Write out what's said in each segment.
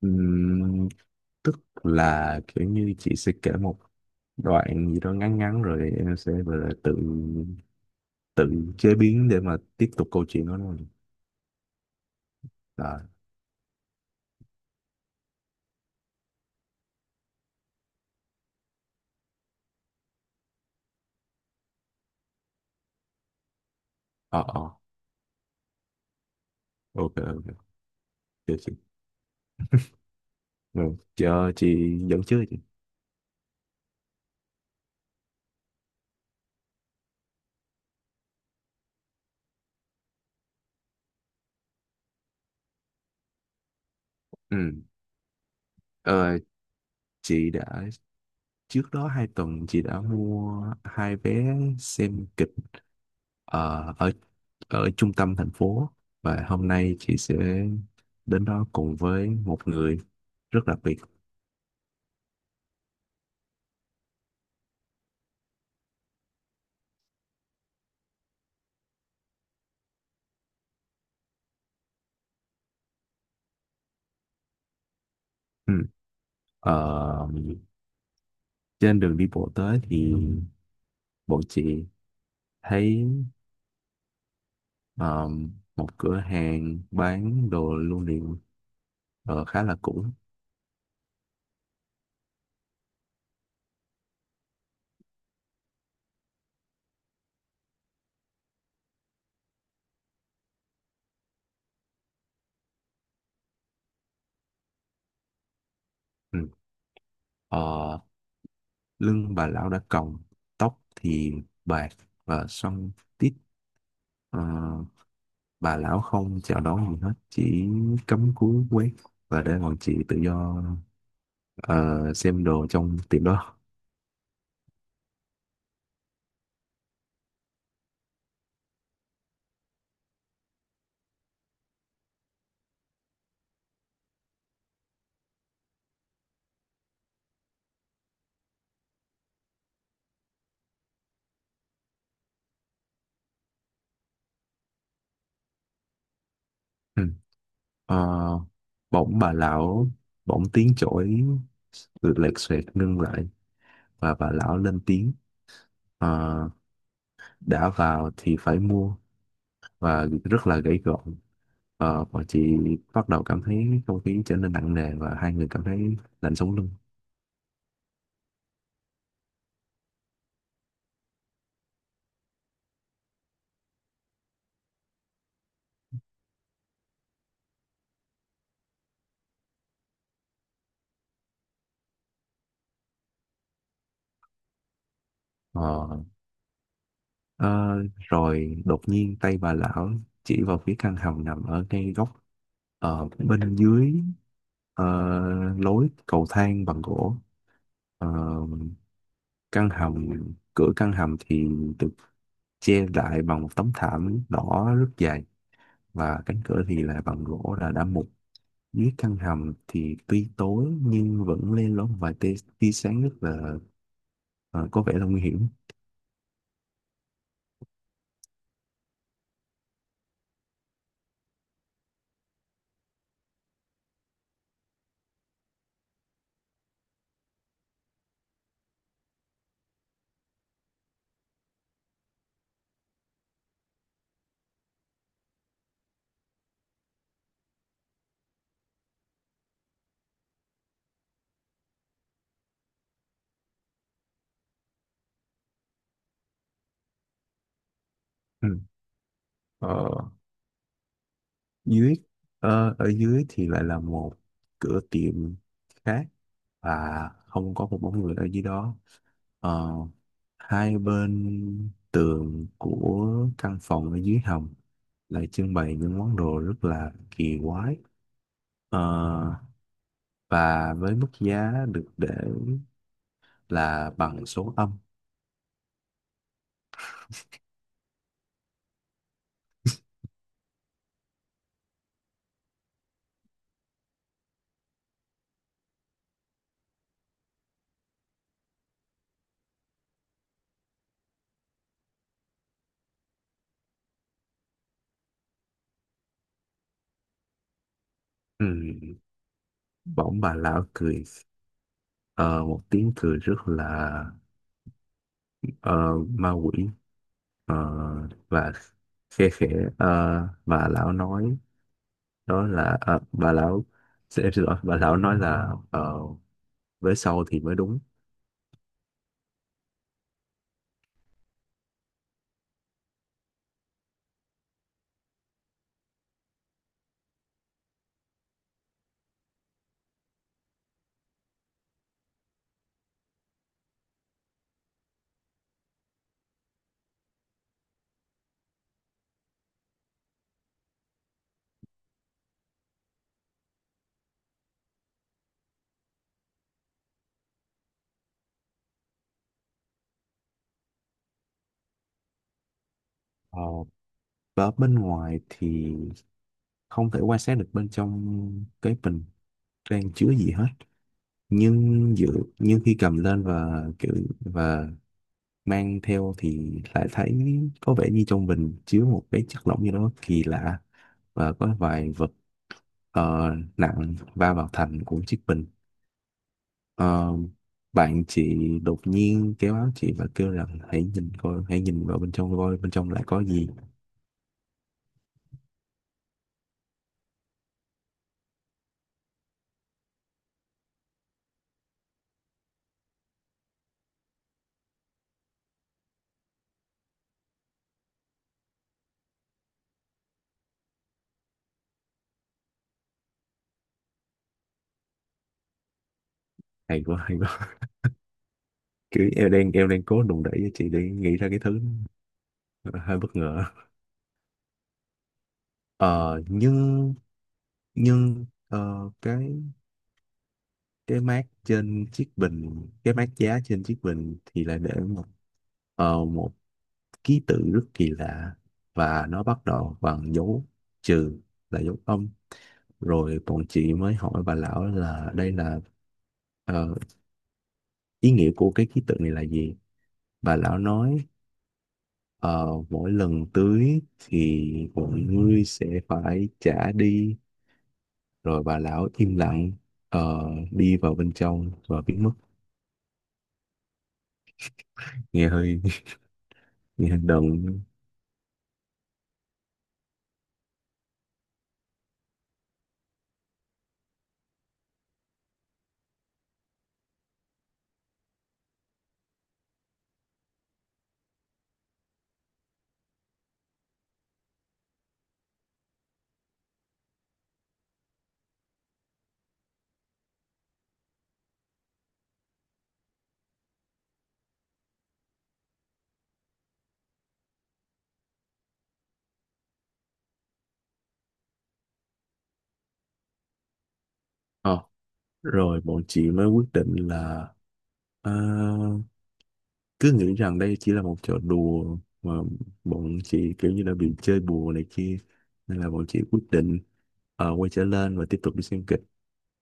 Ừm, Tức là kiểu như chị sẽ kể một đoạn gì đó ngắn ngắn rồi em sẽ gọi là tự tự chế biến để mà tiếp tục câu chuyện đó luôn là. Ờ ờ ok, ok, được chị. Ừ, chờ chị dẫn trước chị. Ừ. ờ, chị đã trước đó 2 tuần chị đã mua hai vé xem kịch ờ, ở ở trung tâm thành phố, và hôm nay chị sẽ đến đó cùng với một người rất đặc biệt. Ừ. Ờ, Trên đường đi bộ tới thì bọn chị thấy ờ, một cửa hàng bán đồ lưu niệm, khá là cũ. Ừ. Ờ, Lưng bà lão đã còng, tóc thì bạc và xoăn tít. Ờ, bà lão không chào đón gì hết, chỉ cắm cúi quét và để bọn chị tự do ờ, xem đồ trong tiệm đó. Ừ. Ờ, bỗng bà lão bỗng tiếng chổi lệch xoẹt ngưng lại và bà lão lên tiếng. Ờ, đã vào thì phải mua, và rất là gãy gọn. Bọn chị bắt đầu cảm thấy không khí trở nên nặng nề và hai người cảm thấy lạnh sống lưng. Ờ, ờ, Rồi đột nhiên tay bà lão chỉ vào phía căn hầm nằm ở ngay góc, bên dưới ờ, lối cầu thang bằng gỗ. Ờ, căn hầm cửa căn hầm thì được che lại bằng một tấm thảm đỏ rất dày, và cánh cửa thì là bằng gỗ là đã mục. Dưới căn hầm thì tuy tối nhưng vẫn lên lóm vài tia sáng, rất là có vẻ là nguy hiểm. Ừ. ờ, dưới ở dưới thì lại là một cửa tiệm khác, và không có một bóng người ở dưới đó. Ờ, Hai bên tường của căn phòng ở dưới hầm lại trưng bày những món đồ rất là kỳ quái, Ờ, và với mức giá được để là bằng số âm. Ừ. Bỗng bà lão cười ờ, một tiếng cười rất là ờ, ma quỷ, ờ, và khe khẽ. ờ, bà lão nói đó là em xin lỗi, bà lão nói là với sau thì mới đúng. Ờ, và bên ngoài thì không thể quan sát được bên trong cái bình đang chứa gì hết, nhưng nhưng khi cầm lên và kiểu và mang theo thì lại thấy có vẻ như trong bình chứa một cái chất lỏng gì đó kỳ lạ, và có vài vật ờ, nặng va vào thành của chiếc bình. Ờ, Bạn chị đột nhiên kéo áo chị và kêu rằng hãy nhìn coi, hãy nhìn vào bên trong coi bên trong lại có gì. Hay quá, hay quá. Kiểu em đang cố đùn đẩy cho chị để nghĩ ra cái thứ hơi bất ngờ. Ờ, nhưng nhưng cái mác trên chiếc bình, cái mác giá trên chiếc bình thì lại để một một ký tự rất kỳ lạ, và nó bắt đầu bằng dấu trừ, là dấu âm. Rồi bọn chị mới hỏi bà lão là đây là ờ, ý nghĩa của cái ký tự này là gì. Bà lão nói ờ, mỗi lần tưới thì mọi người sẽ phải trả đi. Rồi bà lão im lặng, đi vào bên trong và biến mất. Nghe hơi nghe hơi đần. Ờ, Rồi bọn chị mới quyết định là ờ, cứ nghĩ rằng đây chỉ là một trò đùa mà bọn chị kiểu như là bị chơi bùa này kia, nên là bọn chị quyết định quay trở lên và tiếp tục đi xem kịch,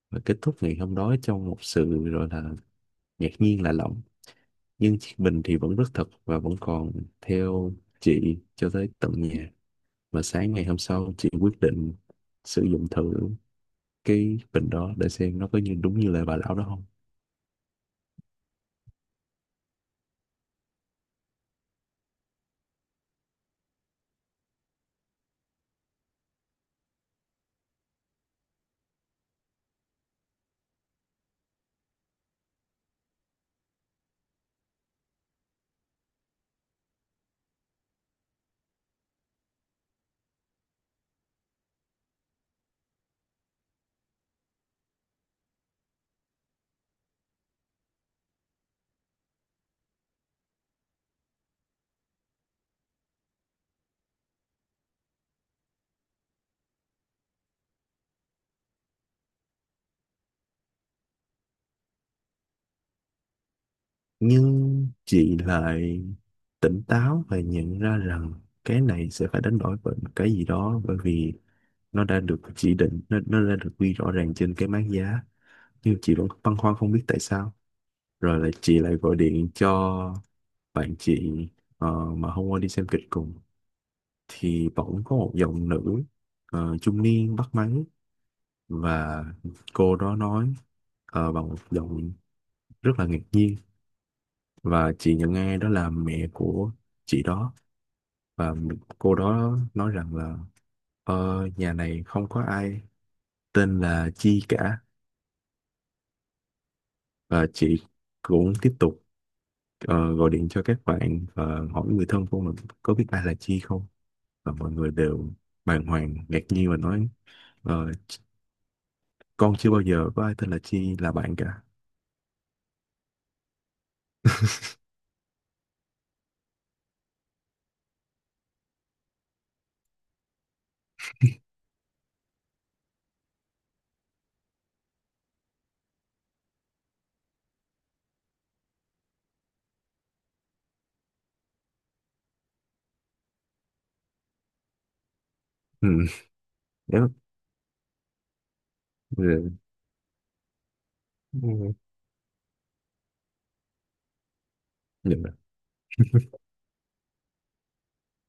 và kết thúc ngày hôm đó trong một sự gọi là ngạc nhiên lạ lẫm. Nhưng chiếc bình thì vẫn rất thật và vẫn còn theo chị cho tới tận nhà, và sáng ngày hôm sau chị quyết định sử dụng thử cái bình đó để xem nó có như đúng như lời bà lão đó không. Nhưng chị lại tỉnh táo và nhận ra rằng cái này sẽ phải đánh đổi bởi một cái gì đó, bởi vì nó đã được chỉ định, nó đã được ghi rõ ràng trên cái mác giá. Nhưng chị vẫn băn khoăn không biết tại sao. Rồi là chị lại gọi điện cho bạn chị mà hôm qua đi xem kịch cùng, thì bỗng có một giọng nữ trung niên bắt máy, và cô đó nói bằng một giọng rất là ngạc nhiên, và chị nhận nghe đó là mẹ của chị đó. Và cô đó nói rằng là nhà này không có ai tên là Chi cả. Và chị cũng tiếp tục gọi điện cho các bạn và hỏi người thân của mình có biết ai là Chi không. Và mọi người đều bàng hoàng ngạc nhiên và nói ờ, con chưa bao giờ có ai tên là Chi là bạn cả. Ừ, đó, ừ, ừ.